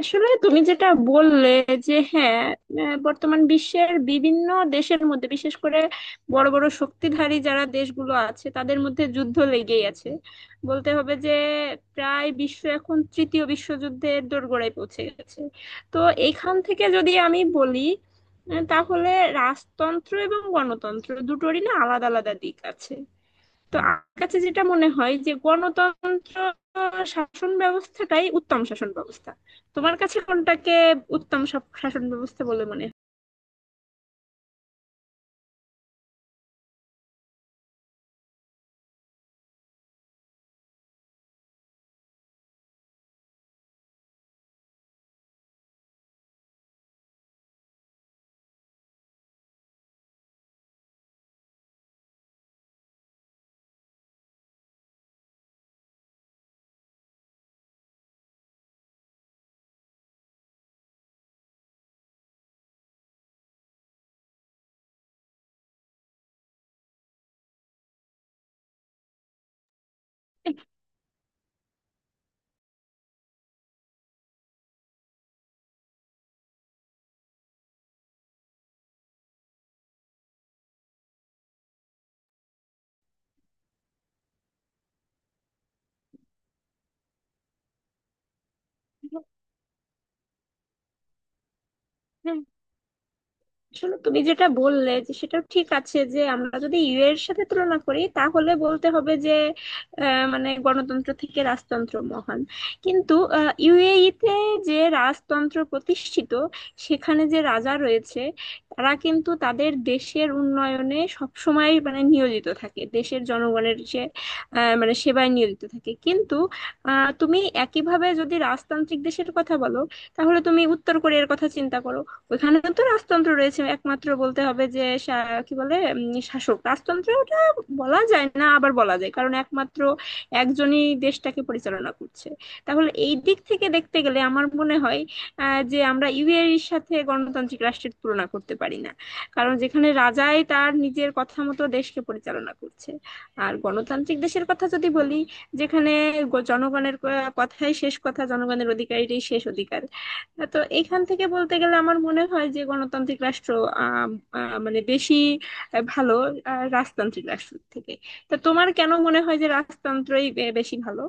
আসলে তুমি যেটা বললে যে হ্যাঁ, বর্তমান বিশ্বের বিভিন্ন দেশের মধ্যে বিশেষ করে বড় বড় শক্তিধারী যারা দেশগুলো আছে তাদের মধ্যে যুদ্ধ লেগেই আছে। বলতে হবে যে প্রায় বিশ্ব এখন তৃতীয় বিশ্বযুদ্ধের দোরগোড়ায় পৌঁছে গেছে। তো এইখান থেকে যদি আমি বলি, তাহলে রাজতন্ত্র এবং গণতন্ত্র দুটোরই না আলাদা আলাদা দিক আছে। তো আমার কাছে যেটা মনে হয় যে গণতন্ত্র শাসন ব্যবস্থাটাই উত্তম শাসন ব্যবস্থা। তোমার কাছে কোনটাকে উত্তম শাসন ব্যবস্থা বলে মনে হয়? আসলে তুমি যেটা বললে যে সেটাও ঠিক আছে, যে আমরা যদি ইউ এর সাথে তুলনা করি তাহলে বলতে হবে যে মানে গণতন্ত্র থেকে রাজতন্ত্র মহান। কিন্তু ইউএই তে যে রাজতন্ত্র প্রতিষ্ঠিত, সেখানে যে রাজা রয়েছে তারা কিন্তু তাদের দেশের উন্নয়নে সবসময় মানে নিয়োজিত থাকে, দেশের জনগণের সে মানে সেবায় নিয়োজিত থাকে। কিন্তু তুমি একইভাবে যদি রাজতান্ত্রিক দেশের কথা বলো, তাহলে তুমি উত্তর কোরিয়ার কথা চিন্তা করো। ওইখানে তো রাজতন্ত্র রয়েছে, একমাত্র বলতে হবে যে কি বলে শাসক রাজতন্ত্র ওটা বলা যায় না, আবার বলা যায় কারণ একমাত্র একজনই দেশটাকে পরিচালনা করছে। তাহলে এই দিক থেকে দেখতে গেলে আমার মনে হয় যে আমরা ইউএর সাথে গণতান্ত্রিক রাষ্ট্রের তুলনা করতে পারি না, কারণ যেখানে রাজাই তার নিজের কথা মতো দেশকে পরিচালনা করছে। আর গণতান্ত্রিক দেশের কথা যদি বলি, যেখানে জনগণের কথাই শেষ কথা, জনগণের অধিকারই শেষ অধিকার। হ্যাঁ, তো এখান থেকে বলতে গেলে আমার মনে হয় যে গণতান্ত্রিক রাষ্ট্র আম, মানে বেশি ভালো রাজতান্ত্রিক রাষ্ট্র থেকে। তা তোমার কেন মনে হয় যে রাজতন্ত্রই বেশি ভালো?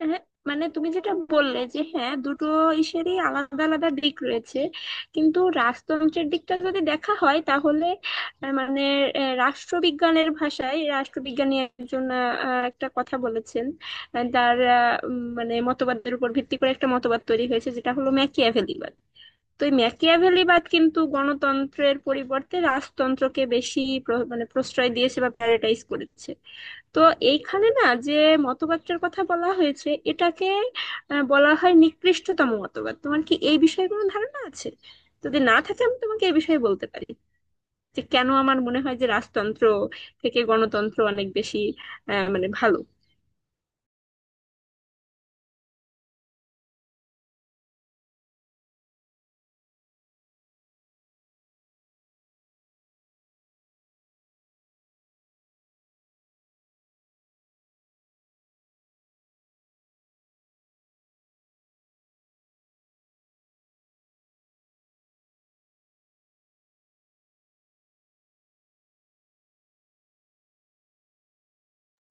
হ্যাঁ, মানে তুমি যেটা বললে যে হ্যাঁ, দুটো ইসেরই আলাদা আলাদা দিক রয়েছে। কিন্তু রাজতন্ত্রের দিকটা যদি দেখা হয় তাহলে মানে রাষ্ট্রবিজ্ঞানের ভাষায় রাষ্ট্রবিজ্ঞানী একজন আহ, আহ, একটা কথা বলেছেন। তার মানে মতবাদের উপর ভিত্তি করে একটা মতবাদ তৈরি হয়েছে, যেটা হলো ম্যাকিয়াভেলিবাদ। তো এই ম্যাকিয়াভেলিবাদ কিন্তু গণতন্ত্রের পরিবর্তে রাজতন্ত্রকে বেশি মানে প্রশ্রয় দিয়েছে বা প্যারাটাইজ করেছে। তো এইখানে না যে মতবাদটার কথা বলা হয়েছে, এটাকে বলা হয় নিকৃষ্টতম মতবাদ। তোমার কি এই বিষয়ে কোনো ধারণা আছে? যদি না থাকে আমি তোমাকে এই বিষয়ে বলতে পারি যে কেন আমার মনে হয় যে রাজতন্ত্র থেকে গণতন্ত্র অনেক বেশি মানে ভালো।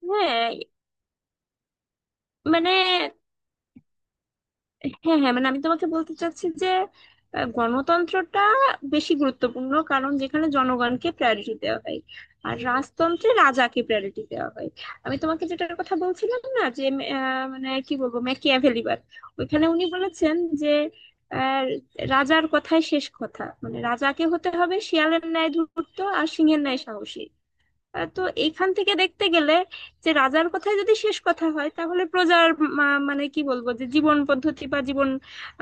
হ্যাঁ মানে হ্যাঁ হ্যাঁ, মানে আমি তোমাকে বলতে চাচ্ছি যে গণতন্ত্রটা বেশি গুরুত্বপূর্ণ, কারণ যেখানে জনগণকে প্রায়োরিটি দেওয়া হয়, আর রাজতন্ত্রে রাজাকে প্রায়োরিটি দেওয়া হয়। আমি তোমাকে যেটার কথা বলছিলাম না, যে মানে কি বলবো, ম্যাকিয়াভেলিবাদ ওইখানে উনি বলেছেন যে আহ, রাজার কথাই শেষ কথা, মানে রাজাকে হতে হবে শিয়ালের ন্যায় ধূর্ত আর সিংহের ন্যায় সাহসী। তো এইখান থেকে দেখতে গেলে যে রাজার কথাই যদি শেষ কথা হয় তাহলে প্রজার মানে কি বলবো যে জীবন পদ্ধতি বা জীবন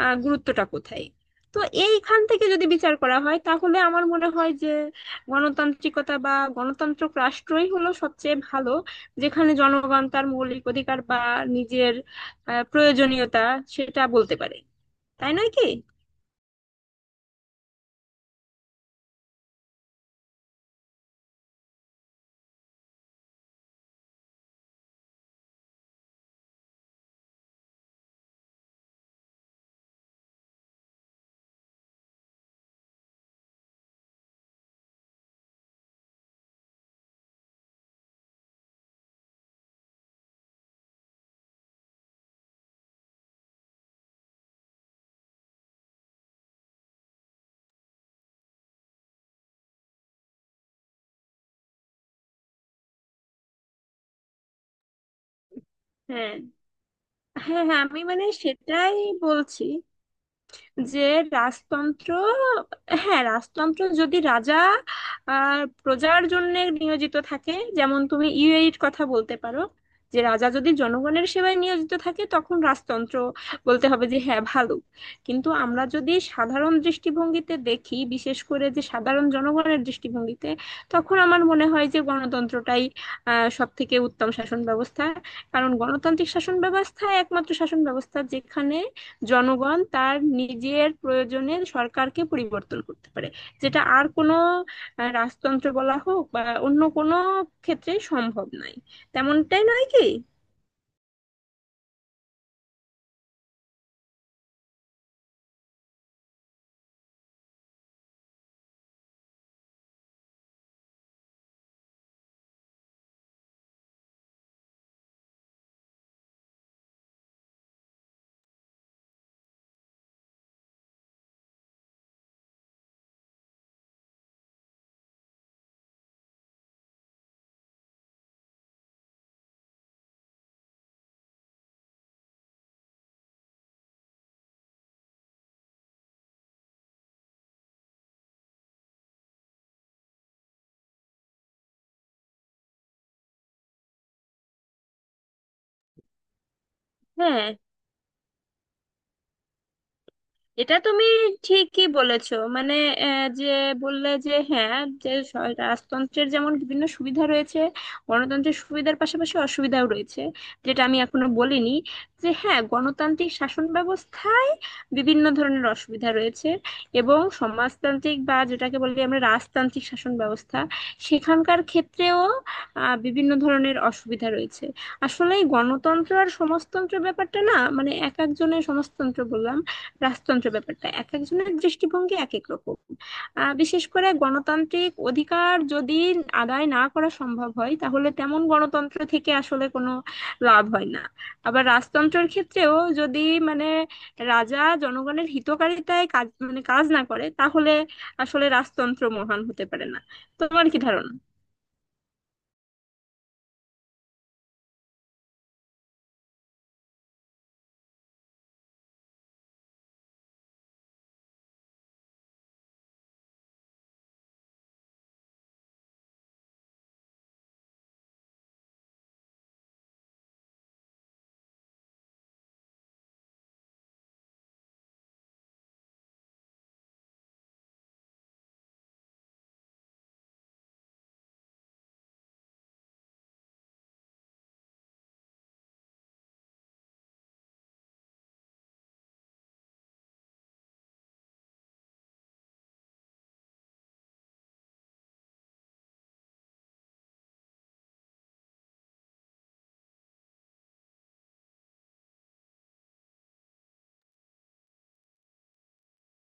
গুরুত্বটা কোথায়? তো এইখান থেকে যদি বিচার করা হয় তাহলে আমার মনে হয় যে গণতান্ত্রিকতা বা গণতান্ত্রিক রাষ্ট্রই হলো সবচেয়ে ভালো, যেখানে জনগণ তার মৌলিক অধিকার বা নিজের প্রয়োজনীয়তা সেটা বলতে পারে। তাই নয় কি? হ্যাঁ হ্যাঁ, হ্যাঁ আমি মানে সেটাই বলছি যে রাজতন্ত্র, হ্যাঁ রাজতন্ত্র যদি রাজা আর প্রজার জন্য নিয়োজিত থাকে, যেমন তুমি ইউএইর কথা বলতে পারো, যে রাজা যদি জনগণের সেবায় নিয়োজিত থাকে তখন রাজতন্ত্র বলতে হবে যে হ্যাঁ ভালো। কিন্তু আমরা যদি সাধারণ দৃষ্টিভঙ্গিতে দেখি, বিশেষ করে যে সাধারণ জনগণের দৃষ্টিভঙ্গিতে, তখন আমার মনে হয় যে গণতন্ত্রটাই সব থেকে উত্তম শাসন ব্যবস্থা, কারণ গণতান্ত্রিক শাসন ব্যবস্থা একমাত্র শাসন ব্যবস্থা যেখানে জনগণ তার নিজের প্রয়োজনে সরকারকে পরিবর্তন করতে পারে, যেটা আর কোনো রাজতন্ত্র বলা হোক বা অন্য কোনো ক্ষেত্রে সম্ভব নয়। তেমনটাই নয় কি? হ্যাঁ, এটা তুমি ঠিকই বলেছো মানে যে বললে যে হ্যাঁ, যে স- রাজতন্ত্রের যেমন বিভিন্ন সুবিধা রয়েছে, গণতন্ত্রের সুবিধার পাশাপাশি অসুবিধাও রয়েছে, যেটা আমি এখনো বলিনি। যে হ্যাঁ, গণতান্ত্রিক শাসন ব্যবস্থায় বিভিন্ন ধরনের অসুবিধা রয়েছে এবং সমাজতান্ত্রিক বা যেটাকে বলি আমরা রাজতান্ত্রিক শাসন ব্যবস্থা, সেখানকার ক্ষেত্রেও বিভিন্ন ধরনের অসুবিধা রয়েছে। আসলে এই গণতন্ত্র আর সমাজতন্ত্র ব্যাপারটা না, মানে এক একজনের সমাজতন্ত্র বললাম, রাজতন্ত্র ব্যাপারটা এক একজনের দৃষ্টিভঙ্গি এক এক রকম। বিশেষ করে গণতান্ত্রিক অধিকার যদি আদায় না করা সম্ভব হয় তাহলে তেমন গণতন্ত্র থেকে আসলে কোনো লাভ হয় না। আবার রাজতন্ত্রের ক্ষেত্রেও যদি মানে রাজা জনগণের হিতকারিতায় কাজ মানে কাজ না করে তাহলে আসলে রাজতন্ত্র মহান হতে পারে না। তোমার কি ধারণা?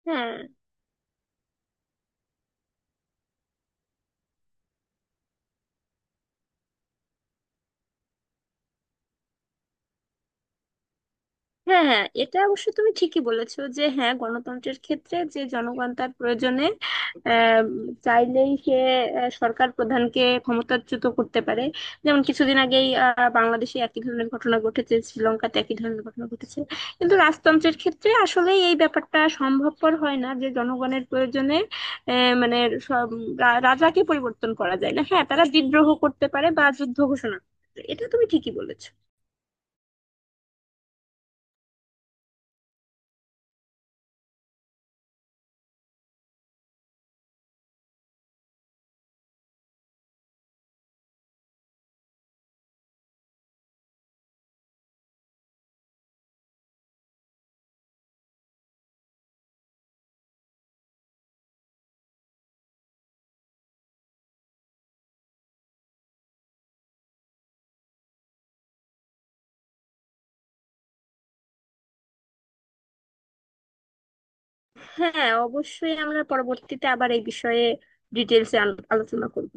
হ্যাঁ হ্যাঁ হ্যাঁ, এটা অবশ্য তুমি ঠিকই বলেছো যে হ্যাঁ গণতন্ত্রের ক্ষেত্রে যে জনগণ তার প্রয়োজনে আহ, চাইলেই সে সরকার প্রধানকে ক্ষমতাচ্যুত করতে পারে। যেমন কিছুদিন আগেই বাংলাদেশে একই ধরনের ঘটনা ঘটেছে, শ্রীলঙ্কাতে একই ধরনের ঘটনা ঘটেছে। কিন্তু রাজতন্ত্রের ক্ষেত্রে আসলে এই ব্যাপারটা সম্ভবপর হয় না যে জনগণের প্রয়োজনে মানে সব রাজাকে পরিবর্তন করা যায় না। হ্যাঁ, তারা বিদ্রোহ করতে পারে বা যুদ্ধ ঘোষণা করতে পারে। এটা তুমি ঠিকই বলেছো। হ্যাঁ অবশ্যই আমরা পরবর্তীতে আবার এই বিষয়ে ডিটেলসে আলোচনা করব।